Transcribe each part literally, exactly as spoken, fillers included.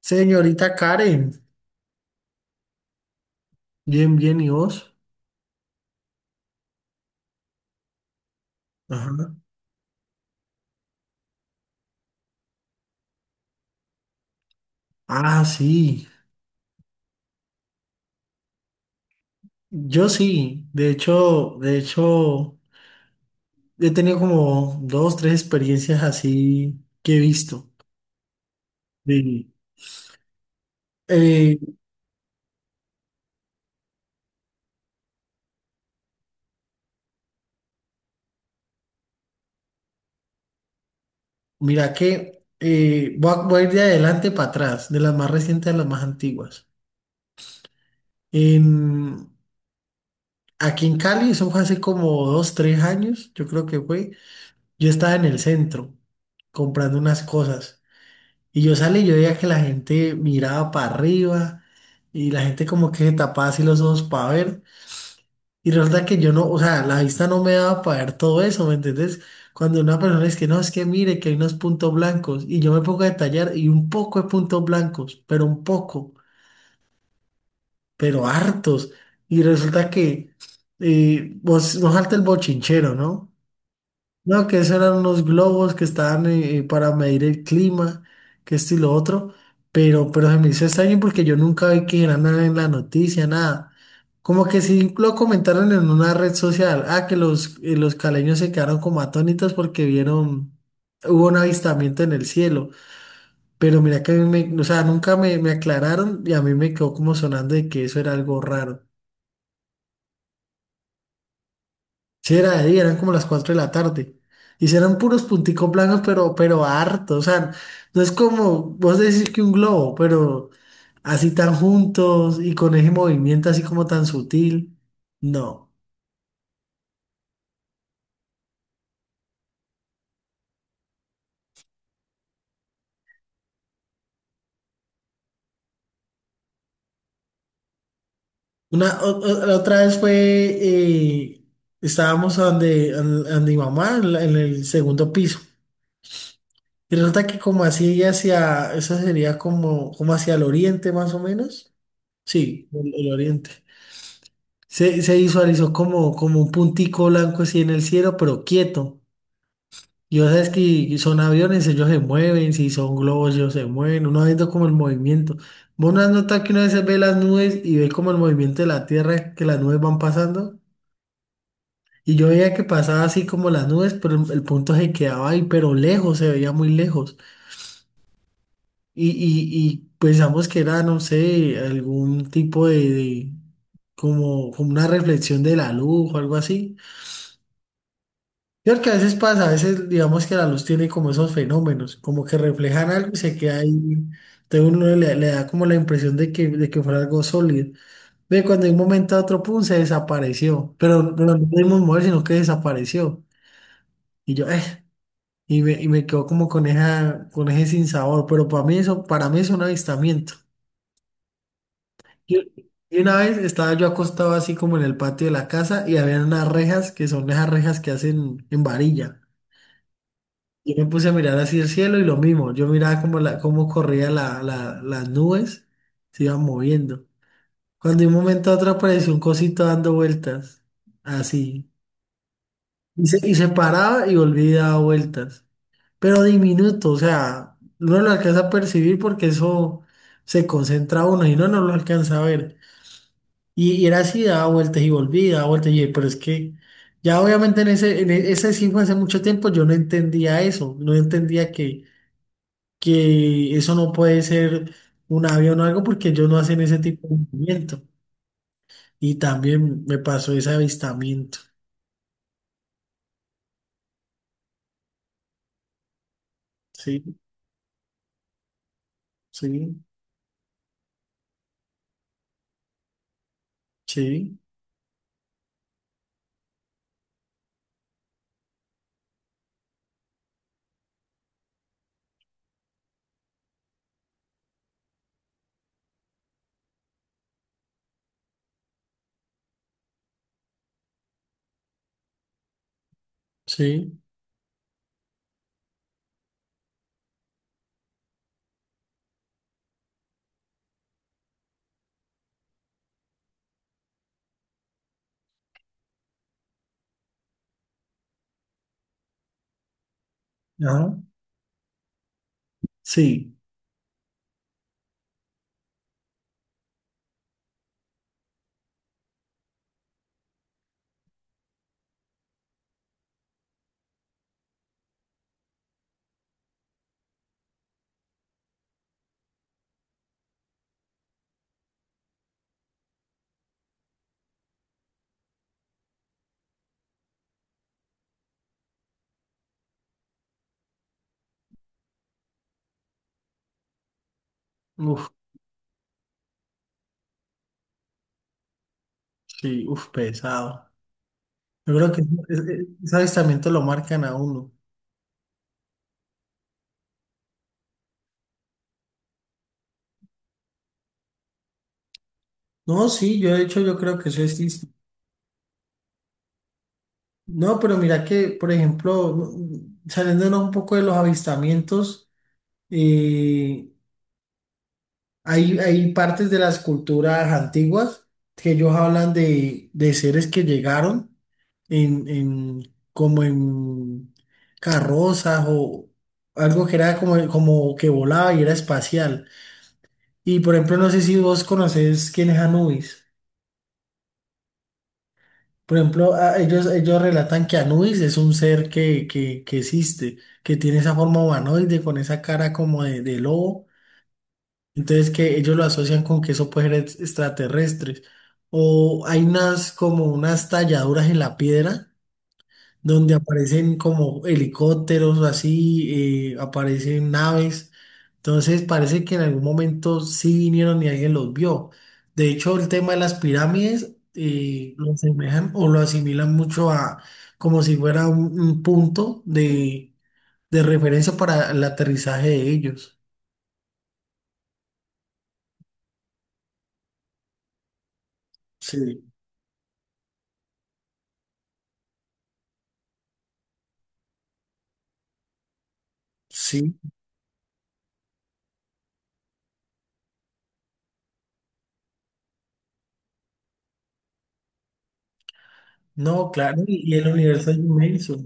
Señorita Karen, bien, bien, ¿y vos? Ajá. Ah, sí, yo sí, de hecho, de hecho, he tenido como dos, tres experiencias así que he visto. Sí. Eh, Mira que eh, voy a, voy a ir de adelante para atrás, de las más recientes a las más antiguas. En, Aquí en Cali, eso fue hace como dos, tres años, yo creo que fue. Yo estaba en el centro comprando unas cosas. Y yo salí y yo veía que la gente miraba para arriba y la gente como que se tapaba así los ojos para ver. Y resulta que yo no, o sea, la vista no me daba para ver todo eso, ¿me entendés? Cuando una persona es que no, es que mire que hay unos puntos blancos y yo me pongo a detallar y un poco de puntos blancos, pero un poco, pero hartos. Y resulta que eh, vos, vos salta el bochinchero, ¿no? No, que esos eran unos globos que estaban eh, eh, para medir el clima, que esto y lo otro, pero, pero se me hizo extraño porque yo nunca vi que era nada en la noticia, nada. Como que sí lo comentaron en una red social. Ah, que los, eh, los caleños se quedaron como atónitos porque vieron, hubo un avistamiento en el cielo, pero mira que a mí me, o sea, nunca me, me aclararon y a mí me quedó como sonando de que eso era algo raro. Sí, era de día, eran como las cuatro de la tarde. Y sí eran puros punticos blancos, pero, pero harto. O sea, no es como vos decís que un globo, pero así tan juntos y con ese movimiento así como tan sutil. No. Una, o- o- la otra vez fue, eh, estábamos donde, an- ande mi mamá, en, la- en el segundo piso. Y resulta que como así hacia, eso sería como, como hacia el oriente más o menos. Sí, el el oriente. Se, se visualizó como, como un puntico blanco así en el cielo, pero quieto. Y vos sabes que son aviones, ellos se mueven, si son globos, ellos se mueven, uno va viendo como el movimiento. Vos no has notado que una vez ve las nubes y ve como el movimiento de la Tierra, que las nubes van pasando. Y yo veía que pasaba así como las nubes, pero el, el punto se quedaba ahí, pero lejos, se veía muy lejos. Y, y, y pensamos que era, no sé, algún tipo de, de- como, como una reflexión de la luz o algo así. Yo creo que a veces pasa, a veces digamos que la luz tiene como esos fenómenos, como que reflejan algo y se queda ahí. Entonces uno le, le da como la impresión de que, de que fuera algo sólido. Ve, cuando de un momento a otro, pum, se desapareció. Pero, pero no pudimos mover, sino que desapareció. Y yo, eh, y me, y me quedo como con esa, con ese sinsabor. Pero para mí eso, para mí es un avistamiento. Yo- y una vez estaba yo acostado así como en el patio de la casa y había unas rejas que son esas rejas que hacen en varilla. Yo me puse a mirar hacia el cielo y lo mismo, yo miraba cómo, la- cómo corría la, la- las nubes, se iban moviendo. Cuando de un momento a otro apareció un cosito dando vueltas, así. Y se, y se paraba y volvía y daba vueltas, pero diminuto, o sea, uno lo alcanza a percibir porque eso se concentra a uno y no, no lo alcanza a ver. Y, y era así, daba vueltas y volvía, daba vueltas y pero es que... Ya obviamente en ese, en e- ese sí fue hace mucho tiempo, yo no entendía eso, no entendía que, que eso no puede ser un avión o algo porque ellos no hacen ese tipo de movimiento. Y también me pasó ese avistamiento. Sí, sí, sí, sí, ajá, sí, uf, sí, uf, pesado. Yo creo que ese, ese avistamiento lo marcan a uno. No, sí, yo de hecho yo creo que eso existe. No, pero mira que, por ejemplo, no- saliéndonos un poco de los avistamientos, eh, hay, hay partes de las culturas antiguas que ellos hablan de, de seres que llegaron en, en- como en carrozas o algo que era como, como que volaba y era espacial. Y por ejemplo, no sé si vos conocés quién es Anubis. Por ejemplo, a- ellos, ellos relatan que Anubis es un ser que, que, que existe, que tiene esa forma humanoide con esa cara como de, de lobo. Entonces que ellos lo asocian con que eso puede ser ex- extraterrestres. O hay unas como unas talladuras en la piedra donde aparecen como helicópteros así, eh, aparecen naves. Entonces parece que en algún momento sí vinieron y alguien los vio. De hecho, el tema de las pirámides eh, lo asemejan o lo asimilan mucho a como si fuera un, un punto de, de referencia para el aterrizaje de ellos. Sí, sí. No, claro, y y el universo es inmenso.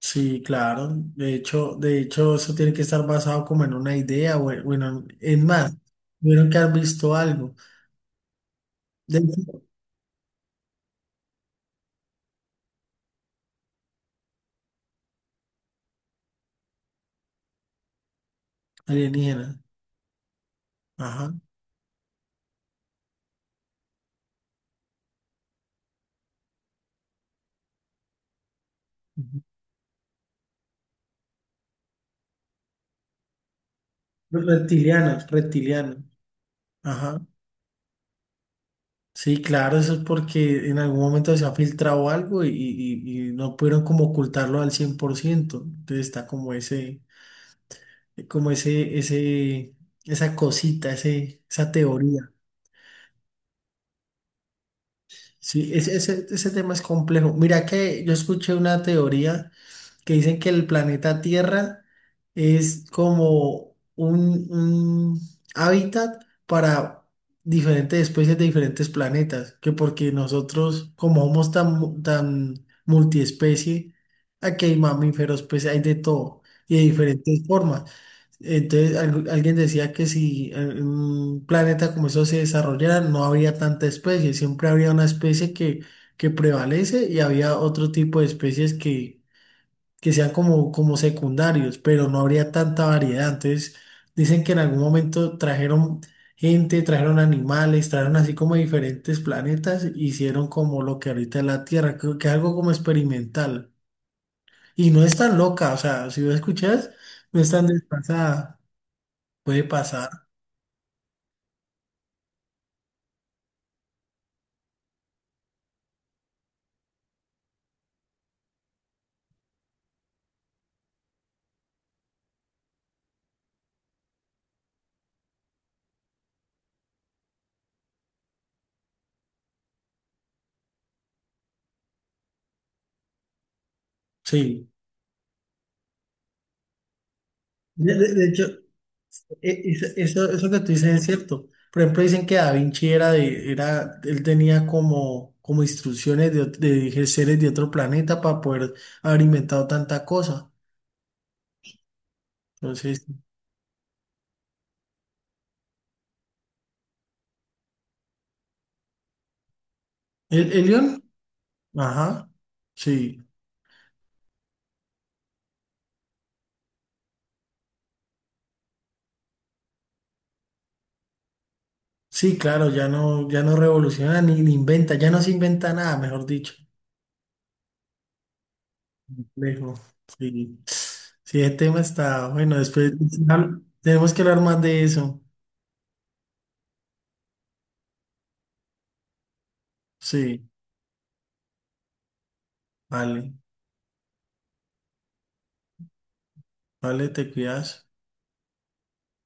Sí, claro. De hecho, de hecho, eso tiene que estar basado como en una idea, o en- bueno, es más, tuvieron que haber visto algo de hecho, alienígena. Ajá. Ujú. Los Reptilianos, reptilianos. Ajá. Sí, claro, eso es porque en algún momento se ha filtrado algo y, y- y no pudieron como ocultarlo al cien por ciento. Entonces está como ese, como ese, ese, esa cosita, ese, esa teoría. Sí, ese, ese, ese tema es complejo. Mira que yo escuché una teoría que dicen que el planeta Tierra es como un, un hábitat para diferentes especies de diferentes planetas, que porque nosotros, como somos tan, mu- tan multiespecie, aquí hay mamíferos, pues hay de todo y de diferentes formas. Entonces, algu- alguien decía que si eh, un planeta como eso se desarrollara, no habría tanta especie, siempre habría una especie que, que prevalece y había otro tipo de especies que, que sean como, como secundarios, pero no habría tanta variedad. Entonces, dicen que en algún momento trajeron gente, trajeron animales, trajeron así como diferentes planetas, e hicieron como lo que ahorita es la Tierra, creo que algo como experimental. Y no es tan loca, o sea, si lo escuchas, no es tan desfasada, puede pasar. Sí, de, de- de hecho, e- es- eso, eso que tú dices es cierto. Por ejemplo, dicen que Da Vinci era de, era, él tenía como, como instrucciones de, ot- de seres de otro planeta para poder haber inventado tanta cosa. Entonces, el, el león, ajá, sí, sí, claro, ya no, ya no revoluciona ni, ni inventa, ya no se inventa nada, mejor dicho. Lejos, sí. Sí, el tema está, bueno, después tenemos que hablar más de eso. Sí, vale. Vale, te cuidas.